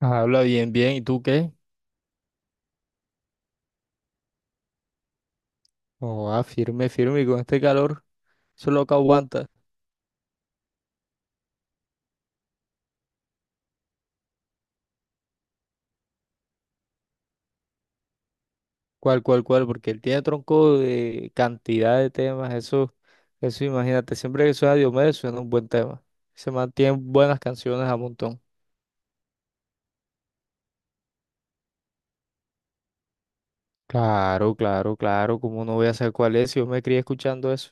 Habla bien, bien. ¿Y tú qué? Oh, ah, firme, firme. Y con este calor, eso es lo que aguanta. Cual, cual, cual. Porque él tiene tronco de cantidad de temas. Eso imagínate. Siempre que suena Diomedes, suena un buen tema. Se mantienen buenas canciones a montón. Claro, claro, claro. ¿Cómo no voy a saber cuál es? Si yo me crié escuchando eso.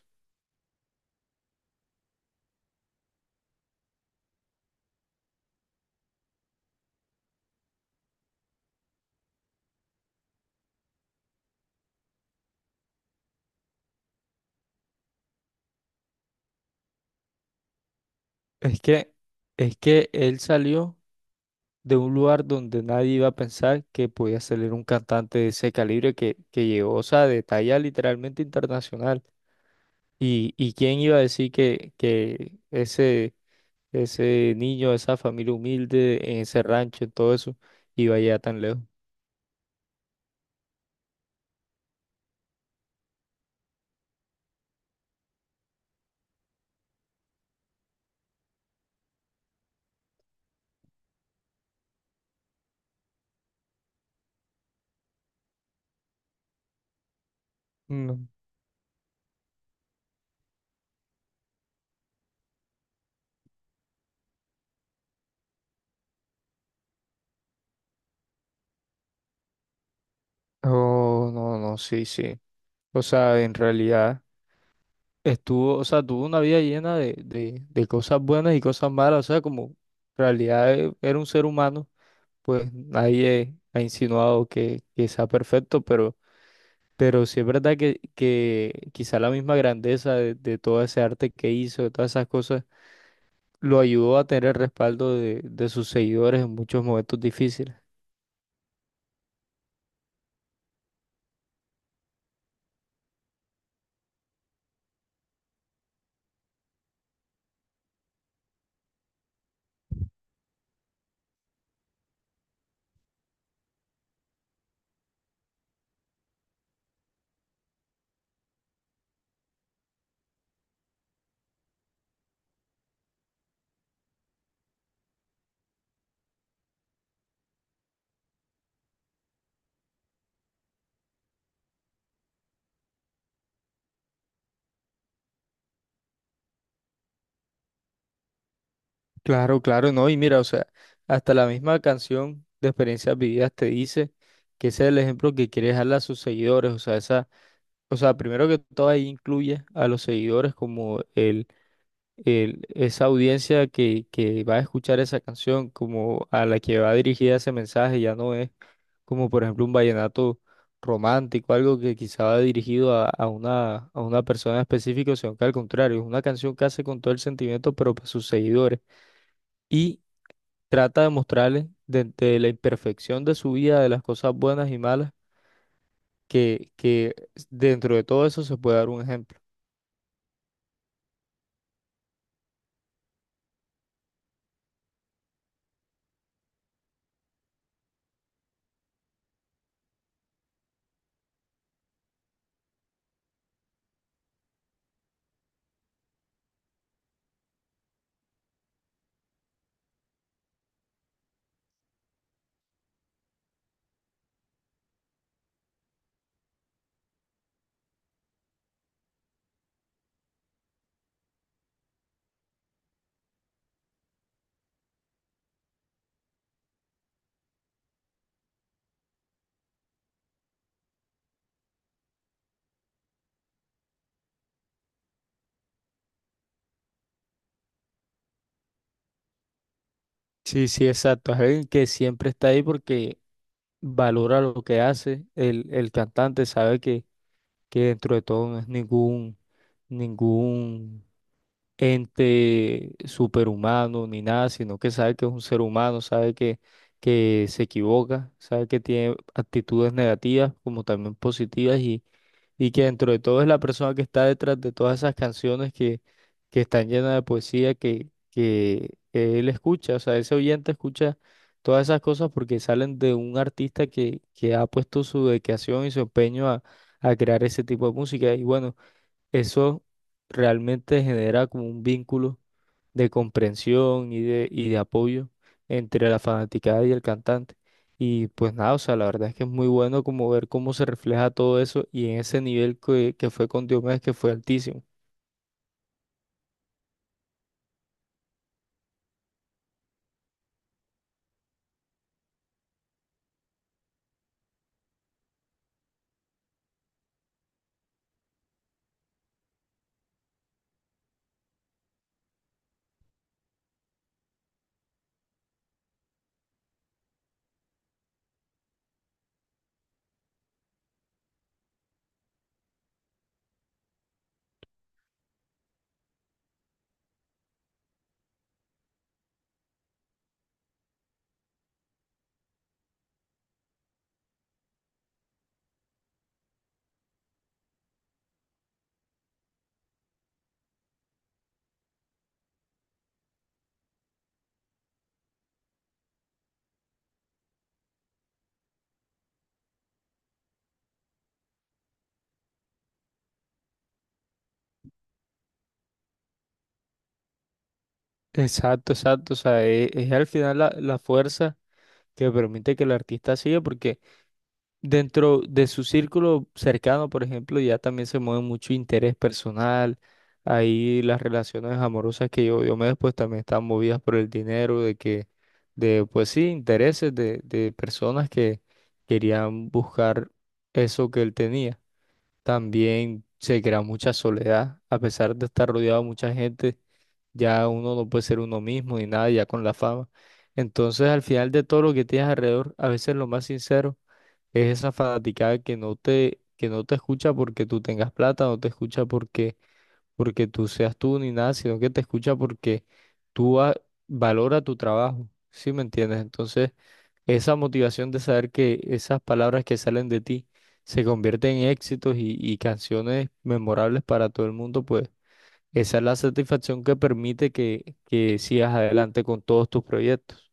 Es que, es que él salió de un lugar donde nadie iba a pensar que podía salir un cantante de ese calibre que llegó, o sea, de talla literalmente internacional. ¿Y quién iba a decir que ese, ese niño, esa familia humilde, en ese rancho, en todo eso, iba allá tan lejos? No. Oh, no, no, sí, sí. O sea, en realidad estuvo, o sea, tuvo una vida llena de, de cosas buenas y cosas malas. O sea, como en realidad era un ser humano, pues nadie ha insinuado que sea perfecto, pero sí es verdad que quizá la misma grandeza de todo ese arte que hizo, de todas esas cosas lo ayudó a tener el respaldo de sus seguidores en muchos momentos difíciles. Claro, claro, no. Y mira, o sea, hasta la misma canción de Experiencias Vividas te dice que ese es el ejemplo que quiere dejarle a sus seguidores. O sea, o sea, primero que todo ahí incluye a los seguidores como esa audiencia que va a escuchar esa canción, como a la que va dirigida ese mensaje, ya no es como por ejemplo un vallenato romántico, algo que quizá va dirigido a una persona específica, sino que al contrario, es una canción que hace con todo el sentimiento, pero para sus seguidores. Y trata de mostrarles desde la imperfección de su vida, de las cosas buenas y malas, que dentro de todo eso se puede dar un ejemplo. Sí, sí, exacto. Es alguien que siempre está ahí porque valora lo que hace. El cantante sabe que dentro de todo no es ningún, ningún ente superhumano ni nada, sino que sabe que es un ser humano, sabe que se equivoca, sabe que tiene actitudes negativas como también positivas y que dentro de todo es la persona que está detrás de todas esas canciones que están llenas de poesía que él escucha, o sea, ese oyente escucha todas esas cosas porque salen de un artista que ha puesto su dedicación y su empeño a crear ese tipo de música. Y bueno, eso realmente genera como un vínculo de comprensión y de apoyo entre la fanaticada y el cantante. Y pues nada, o sea, la verdad es que es muy bueno como ver cómo se refleja todo eso y en ese nivel que fue con Diomedes, que fue altísimo. Exacto, exacto, o sea, es, al final la, la fuerza que permite que el artista siga, porque dentro de su círculo cercano, por ejemplo, ya también se mueve mucho interés personal. Ahí las relaciones amorosas que yo me después pues también están movidas por el dinero, pues sí, intereses de personas que querían buscar eso que él tenía. También se crea mucha soledad, a pesar de estar rodeado de mucha gente, ya uno no puede ser uno mismo ni nada, ya con la fama. Entonces, al final de todo lo que tienes alrededor, a veces lo más sincero es esa fanaticada que no te escucha porque tú tengas plata, no te escucha porque, porque tú seas tú ni nada, sino que te escucha porque tú ha- valora tu trabajo, ¿sí me entiendes? Entonces, esa motivación de saber que esas palabras que salen de ti se convierten en éxitos y canciones memorables para todo el mundo, pues esa es la satisfacción que permite que sigas adelante con todos tus proyectos.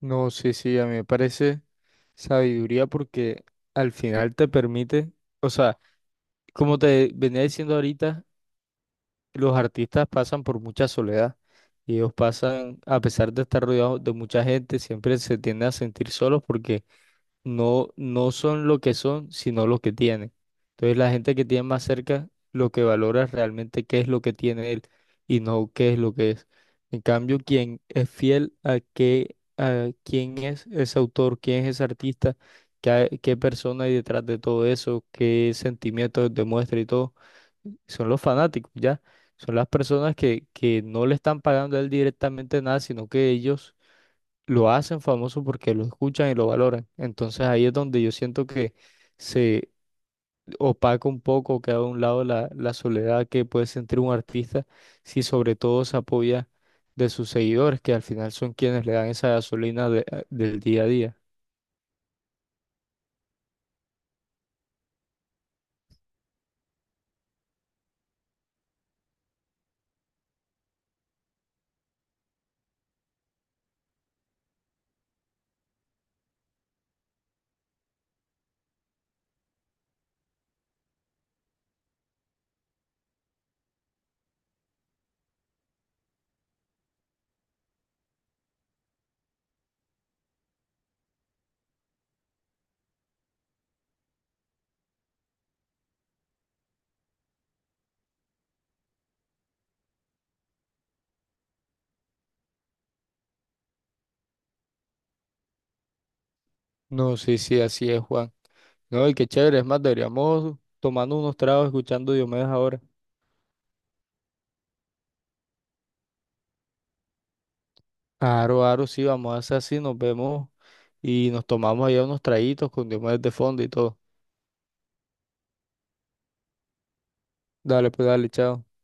No, sí, sí, a mí me parece. Sabiduría porque al final te permite, o sea, como te venía diciendo ahorita, los artistas pasan por mucha soledad y ellos pasan, a pesar de estar rodeados de mucha gente, siempre se tienden a sentir solos porque no, no son lo que son, sino lo que tienen. Entonces la gente que tiene más cerca lo que valora es realmente qué es lo que tiene él y no qué es lo que es. En cambio, quien es fiel a qué, a quién es ese autor, quién es ese artista, qué, qué persona hay detrás de todo eso, qué sentimientos demuestra y todo, son los fanáticos, ¿ya? Son las personas que no le están pagando a él directamente nada, sino que ellos lo hacen famoso porque lo escuchan y lo valoran. Entonces ahí es donde yo siento que se opaca un poco, queda a un lado la, la soledad que puede sentir un artista si sobre todo se apoya de sus seguidores, que al final son quienes le dan esa gasolina del día a día. No, sí, sí, así es, Juan. No, y qué chévere, es más, deberíamos tomando unos tragos, escuchando Diomedes ahora. Aro, aro, sí, vamos a hacer así, nos vemos y nos tomamos allá unos traguitos con Diomedes de fondo y todo. Dale, pues dale, chao.